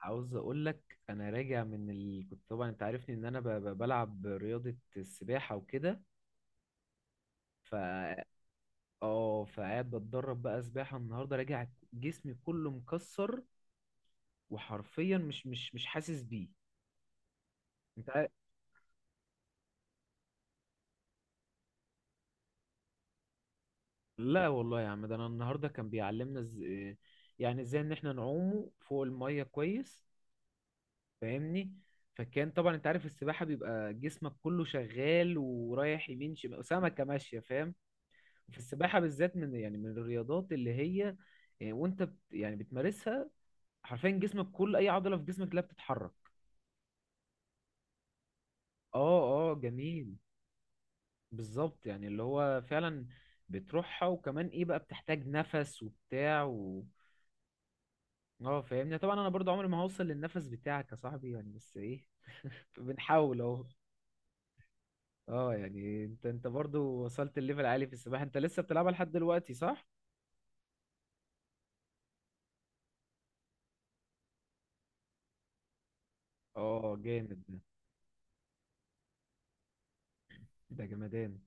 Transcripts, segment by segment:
عاوز اقول لك انا راجع كنت طبعا انت عارفني ان انا بلعب رياضة السباحة وكده. ف اه فقاعد بتدرب بقى سباحة النهاردة راجع، جسمي كله مكسر، وحرفيا مش حاسس بيه. انت عارف. لا والله يا عم، ده انا النهاردة كان يعني ازاي ان احنا نعوم فوق المية كويس، فاهمني؟ فكان طبعا انت عارف السباحة بيبقى جسمك كله شغال ورايح يمين شمال، سمكة ماشية، فاهم. في السباحة بالذات من يعني من الرياضات اللي هي آه، وانت بت يعني بتمارسها، حرفيا جسمك كل اي عضلة في جسمك لا بتتحرك. اه، اه جميل، بالظبط، يعني اللي هو فعلا بتروحها، وكمان ايه بقى، بتحتاج نفس وبتاع اه فاهمني. طبعا انا برضو عمري ما هوصل للنفس بتاعك يا صاحبي، يعني، بس ايه بنحاول اهو. اه يعني، انت برضو وصلت الليفل عالي في السباحة، انت لسه بتلعبها لحد دلوقتي صح؟ اه جامد ده، ده جمدان.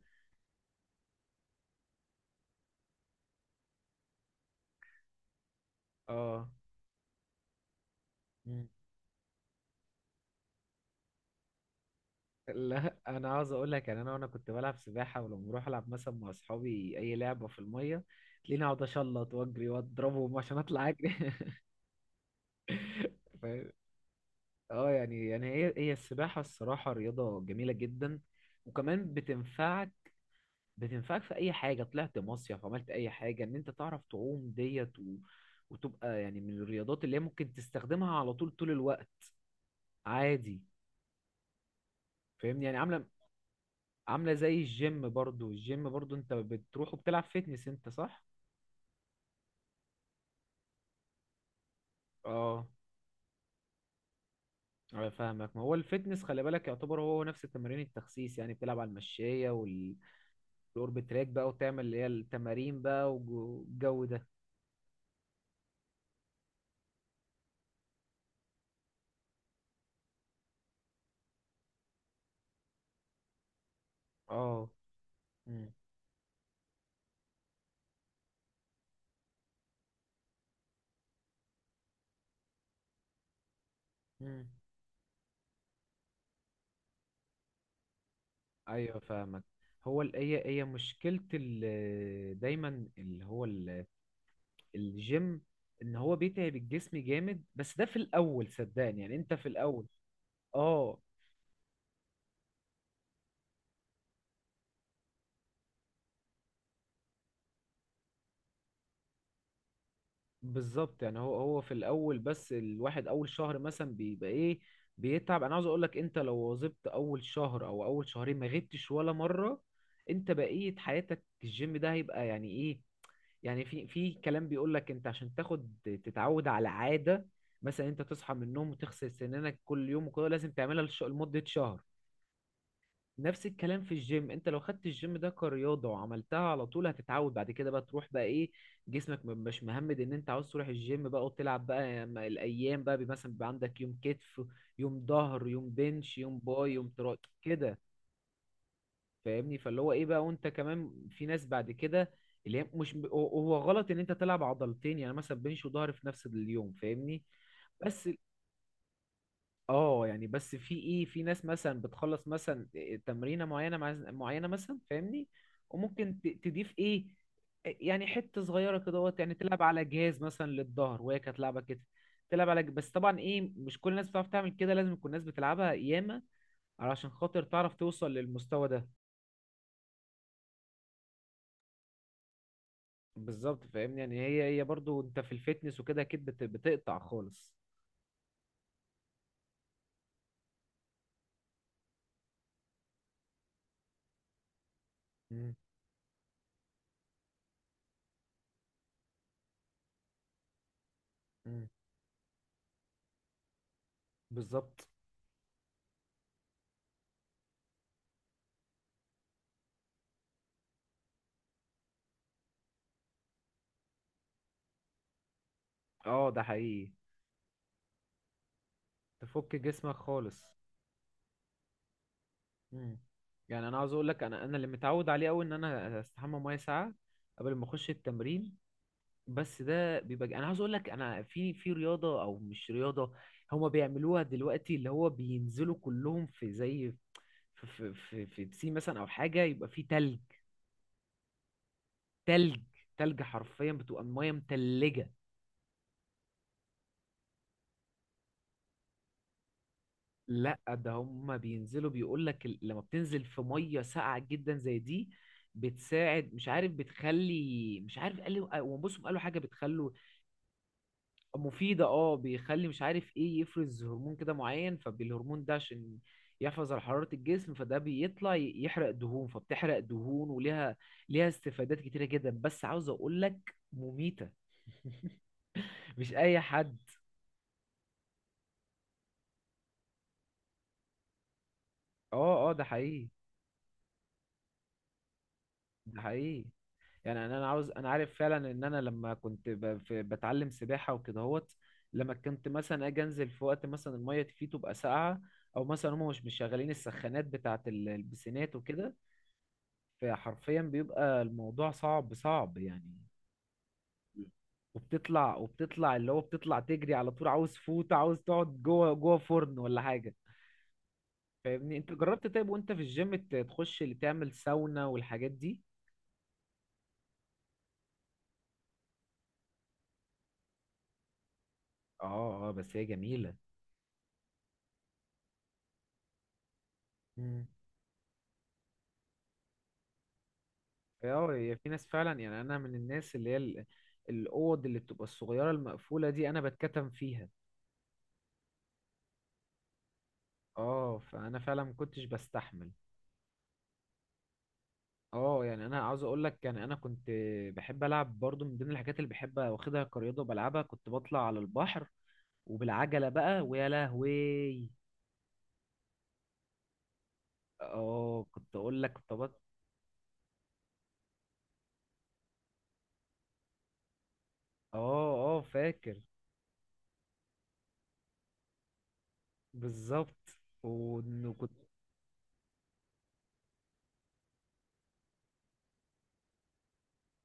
اه لا انا عاوز اقول لك، يعني انا كنت بلعب سباحه، ولما بروح العب مثلا مع اصحابي اي لعبه في الميه، تلاقيني اقعد اشلط واجري واضربهم عشان اطلع اجري فاهم؟ اه يعني، يعني هي السباحه الصراحه رياضه جميله جدا. وكمان بتنفعك، بتنفعك في اي حاجه، طلعت مصيف عملت اي حاجه، ان انت تعرف تعوم ديت وتبقى يعني من الرياضات اللي هي ممكن تستخدمها على طول، طول الوقت عادي، فاهمني؟ يعني عامله، عاملة زي الجيم، برضو الجيم برضو انت بتروح وبتلعب فيتنس انت صح؟ اه انا فاهمك، ما هو الفيتنس خلي بالك يعتبر هو نفس التمارين التخسيس، يعني بتلعب على المشاية والأوربت تراك بقى، وتعمل اللي هي التمارين بقى، والجو ده. اه. مم. مم. ايوه فاهمك. هو هي مشكلة ال- دايما اللي هو ال- الجيم، ان هو بيتعب الجسم جامد، بس ده في الاول، صدقني، يعني انت في الاول. اه بالظبط، يعني هو في الاول بس، الواحد اول شهر مثلا بيبقى ايه، بيتعب. انا عاوز اقول لك، انت لو واظبت اول شهر او اول شهرين ما غبتش ولا مره، انت بقيه حياتك الجيم ده هيبقى يعني ايه. يعني في في كلام بيقول لك، انت عشان تاخد تتعود على عاده، مثلا انت تصحى من النوم وتغسل سنانك كل يوم وكده، لازم تعملها لمده شهر. نفس الكلام في الجيم، انت لو خدت الجيم ده كرياضة وعملتها على طول، هتتعود بعد كده بقى تروح بقى ايه، جسمك مش مهمد، ان انت عاوز تروح الجيم بقى وتلعب بقى، الايام بقى مثلا بيبقى عندك يوم كتف، يوم ظهر، يوم بنش، يوم باي، يوم تراي كده، فاهمني؟ فاللي هو ايه بقى، وانت كمان في ناس بعد كده اللي هي، مش هو غلط ان انت تلعب عضلتين يعني، مثلا بنش وظهر في نفس اليوم، فاهمني؟ بس اه، يعني بس في ايه، في ناس مثلا بتخلص مثلا تمرينه معينه مع معينه مثلا، فاهمني؟ وممكن تضيف ايه، يعني حته صغيره كده وقت، يعني تلعب على جهاز مثلا للظهر، وهي كانت لعبه كده تلعب على بس طبعا ايه، مش كل الناس بتعرف تعمل كده، لازم يكون الناس بتلعبها ياما علشان خاطر تعرف توصل للمستوى ده. بالظبط فاهمني، يعني هي برضو انت في الفتنس وكده اكيد بتقطع خالص. مم، مم، بالظبط، اه ده حقيقي، تفك جسمك خالص. مم. يعني انا عاوز اقول لك، انا اللي متعود عليه قوي، ان انا استحمى 100 ساعة قبل ما اخش التمرين. بس ده بيبقى، انا عاوز اقول لك، انا في في رياضه او مش رياضه، هما بيعملوها دلوقتي، اللي هو بينزلوا كلهم في زي في في بسين مثلا، او حاجه، يبقى فيه تلج، تلج، تلج، حرفيا بتبقى الميه متلجه. لا ده هما بينزلوا بيقول لك، لما بتنزل في ميه ساقعه جدا زي دي، بتساعد مش عارف، بتخلي مش عارف، قالوا وبصوا قالوا حاجه بتخلوا، مفيدة اه، بيخلي مش عارف ايه، يفرز هرمون كده معين، فبالهرمون ده عشان يحافظ على حرارة الجسم، فده بيطلع يحرق دهون، فبتحرق دهون، وليها، ليها استفادات كتيرة جدا، بس عاوز اقول لك مميتة، مش اي حد. اه اه ده حقيقي، ده حقيقي. يعني انا عاوز، انا عارف فعلا ان انا لما كنت بتعلم سباحة وكده هوت، لما كنت مثلا اجي انزل في وقت مثلا المية فيه تبقى ساقعة، او مثلا هم مش شغالين السخانات بتاعة البسينات وكده، فحرفيا بيبقى الموضوع صعب، صعب يعني. وبتطلع، وبتطلع اللي هو، بتطلع تجري على طول، عاوز فوت، عاوز تقعد جوه، جوه فرن ولا حاجة، فاهمني؟ انت جربت طيب وانت في الجيم تخش اللي تعمل ساونا والحاجات دي؟ اه اه، بس هي جميلة. مم. اه هي في ناس فعلا، يعني انا من الناس اللي هي الاوض اللي بتبقى الصغيرة المقفولة دي انا بتكتم فيها، اه، فانا فعلا ما كنتش بستحمل. اه يعني انا عاوز اقول لك، يعني انا كنت بحب العب برضو، من ضمن الحاجات اللي بحب واخدها كرياضه وبلعبها، كنت بطلع على البحر وبالعجله بقى، ويا لهوي. اه كنت اقول لك كنت بط... اه اه فاكر. بالظبط. وكنت،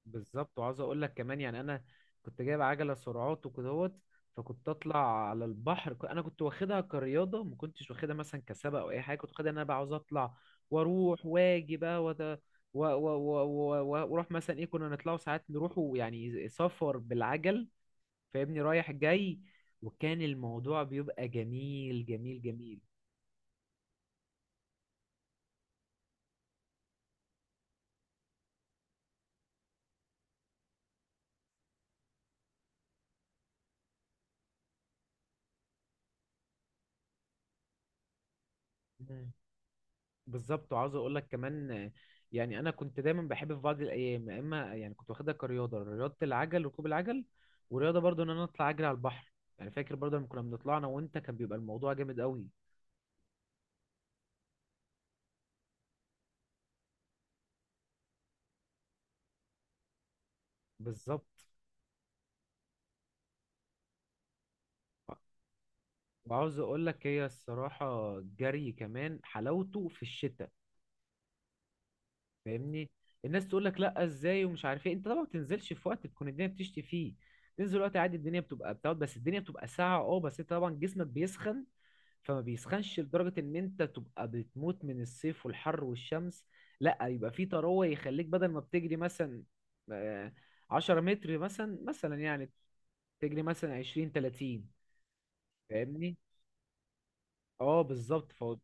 بالظبط، وعاوز اقول لك كمان، يعني انا كنت جايب عجله سرعات وكدهوت، فكنت اطلع على البحر، انا كنت واخدها كرياضه، ما كنتش واخدها مثلا كسبق او اي حاجه، كنت واخدها إن انا بقى عاوز اطلع واروح واجي بقى وت... و... و... و... و... و- واروح مثلا ايه، كنا نطلعوا ساعات نروحوا يعني سفر بالعجل، فاهمني، رايح جاي. وكان الموضوع بيبقى جميل، جميل، جميل. بالظبط وعاوز اقول لك كمان، يعني انا كنت دايما بحب في بعض الايام، يا اما يعني كنت واخدها كرياضه، رياضه العجل، ركوب العجل، ورياضه برضو ان انا اطلع اجري على البحر. يعني فاكر برضو لما كنا بنطلع انا وانت، كان بيبقى الموضوع جامد قوي. بالظبط، وعاوز اقول لك، هي الصراحه الجري كمان حلاوته في الشتاء، فاهمني. الناس تقول لك لا ازاي ومش عارف ايه، انت طبعا ما بتنزلش في وقت تكون الدنيا بتشتي فيه، تنزل وقت عادي الدنيا بتبقى بتقعد، بس الدنيا بتبقى ساقعه اه، بس انت طبعا جسمك بيسخن، فما بيسخنش لدرجة ان انت تبقى بتموت من الصيف والحر والشمس، لا يبقى في تروة يخليك، بدل ما بتجري مثلا آه، 10 متر مثلا، مثلا يعني تجري مثلا 20، 30، فاهمني. اه بالظبط ف اه،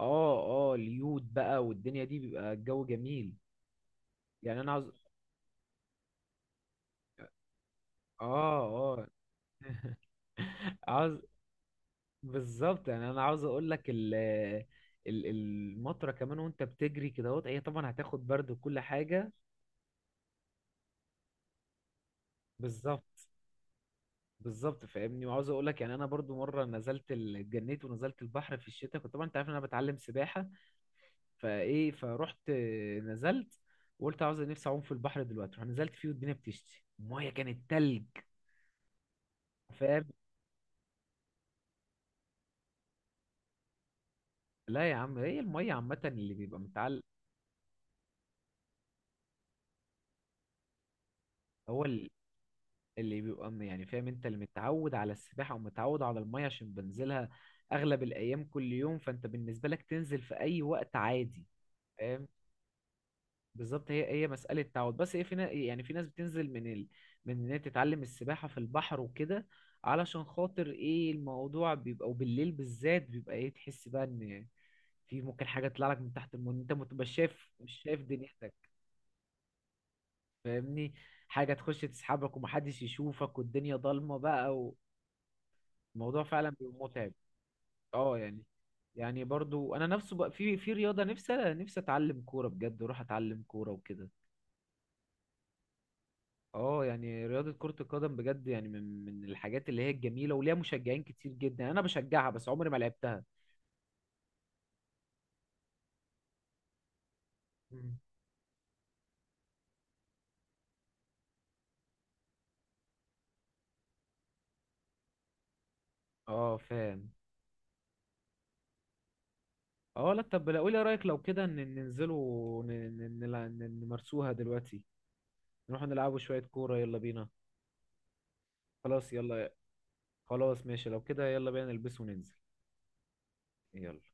اه اليود بقى والدنيا دي، بيبقى الجو جميل. يعني انا عاوز، اه اه عاوز، بالظبط يعني انا عاوز اقول لك المطره كمان وانت بتجري كده اهوت، هي طبعا هتاخد برد وكل حاجه. بالظبط، بالظبط فاهمني. وعاوز اقول لك، يعني انا برضو مره نزلت اتجنيت ونزلت البحر في الشتاء، كنت طبعا انت عارف ان انا بتعلم سباحه، فايه، فروحت نزلت وقلت عاوز نفسي اعوم في البحر دلوقتي، رحت نزلت فيه والدنيا بتشتي، الميه كانت تلج. فاهم. لا يا عم، هي الميه عامه اللي بيبقى متعلق، هو اللي بيبقى يعني فاهم، انت اللي متعود على السباحه ومتعود على الميه عشان بنزلها اغلب الايام، كل يوم، فانت بالنسبه لك تنزل في اي وقت عادي، فاهم؟ بالظبط، هي مسألة تعود. بس هي في يعني في ناس بتنزل من ان هي تتعلم السباحة في البحر وكده، علشان خاطر ايه الموضوع بيبقى، وبالليل بالذات، بيبقى ايه، تحس بقى ان في ممكن حاجة تطلع لك من تحت المية، انت ما تبقاش شايف، مش شايف دنيتك، فاهمني؟ حاجة تخش تسحبك ومحدش يشوفك والدنيا ضلمة بقى، والموضوع فعلا بيبقى متعب. اه يعني، يعني برضو انا نفسه بقى في في رياضة، نفسي اتعلم كورة بجد، واروح اتعلم كورة وكده. اه يعني رياضة كرة القدم بجد، يعني من الحاجات اللي هي الجميلة وليها مشجعين كتير جدا، انا بشجعها بس عمري ما لعبتها. مم. اه فاهم. اه لا طب، لا قولي رأيك، لو كده ن- ننزلوا ن- ن- نلع- ن- نمارسوها دلوقتي، نروح نلعبوا شوية كورة، يلا بينا. خلاص يلا، خلاص ماشي، لو كده يلا بينا نلبس وننزل. يلا.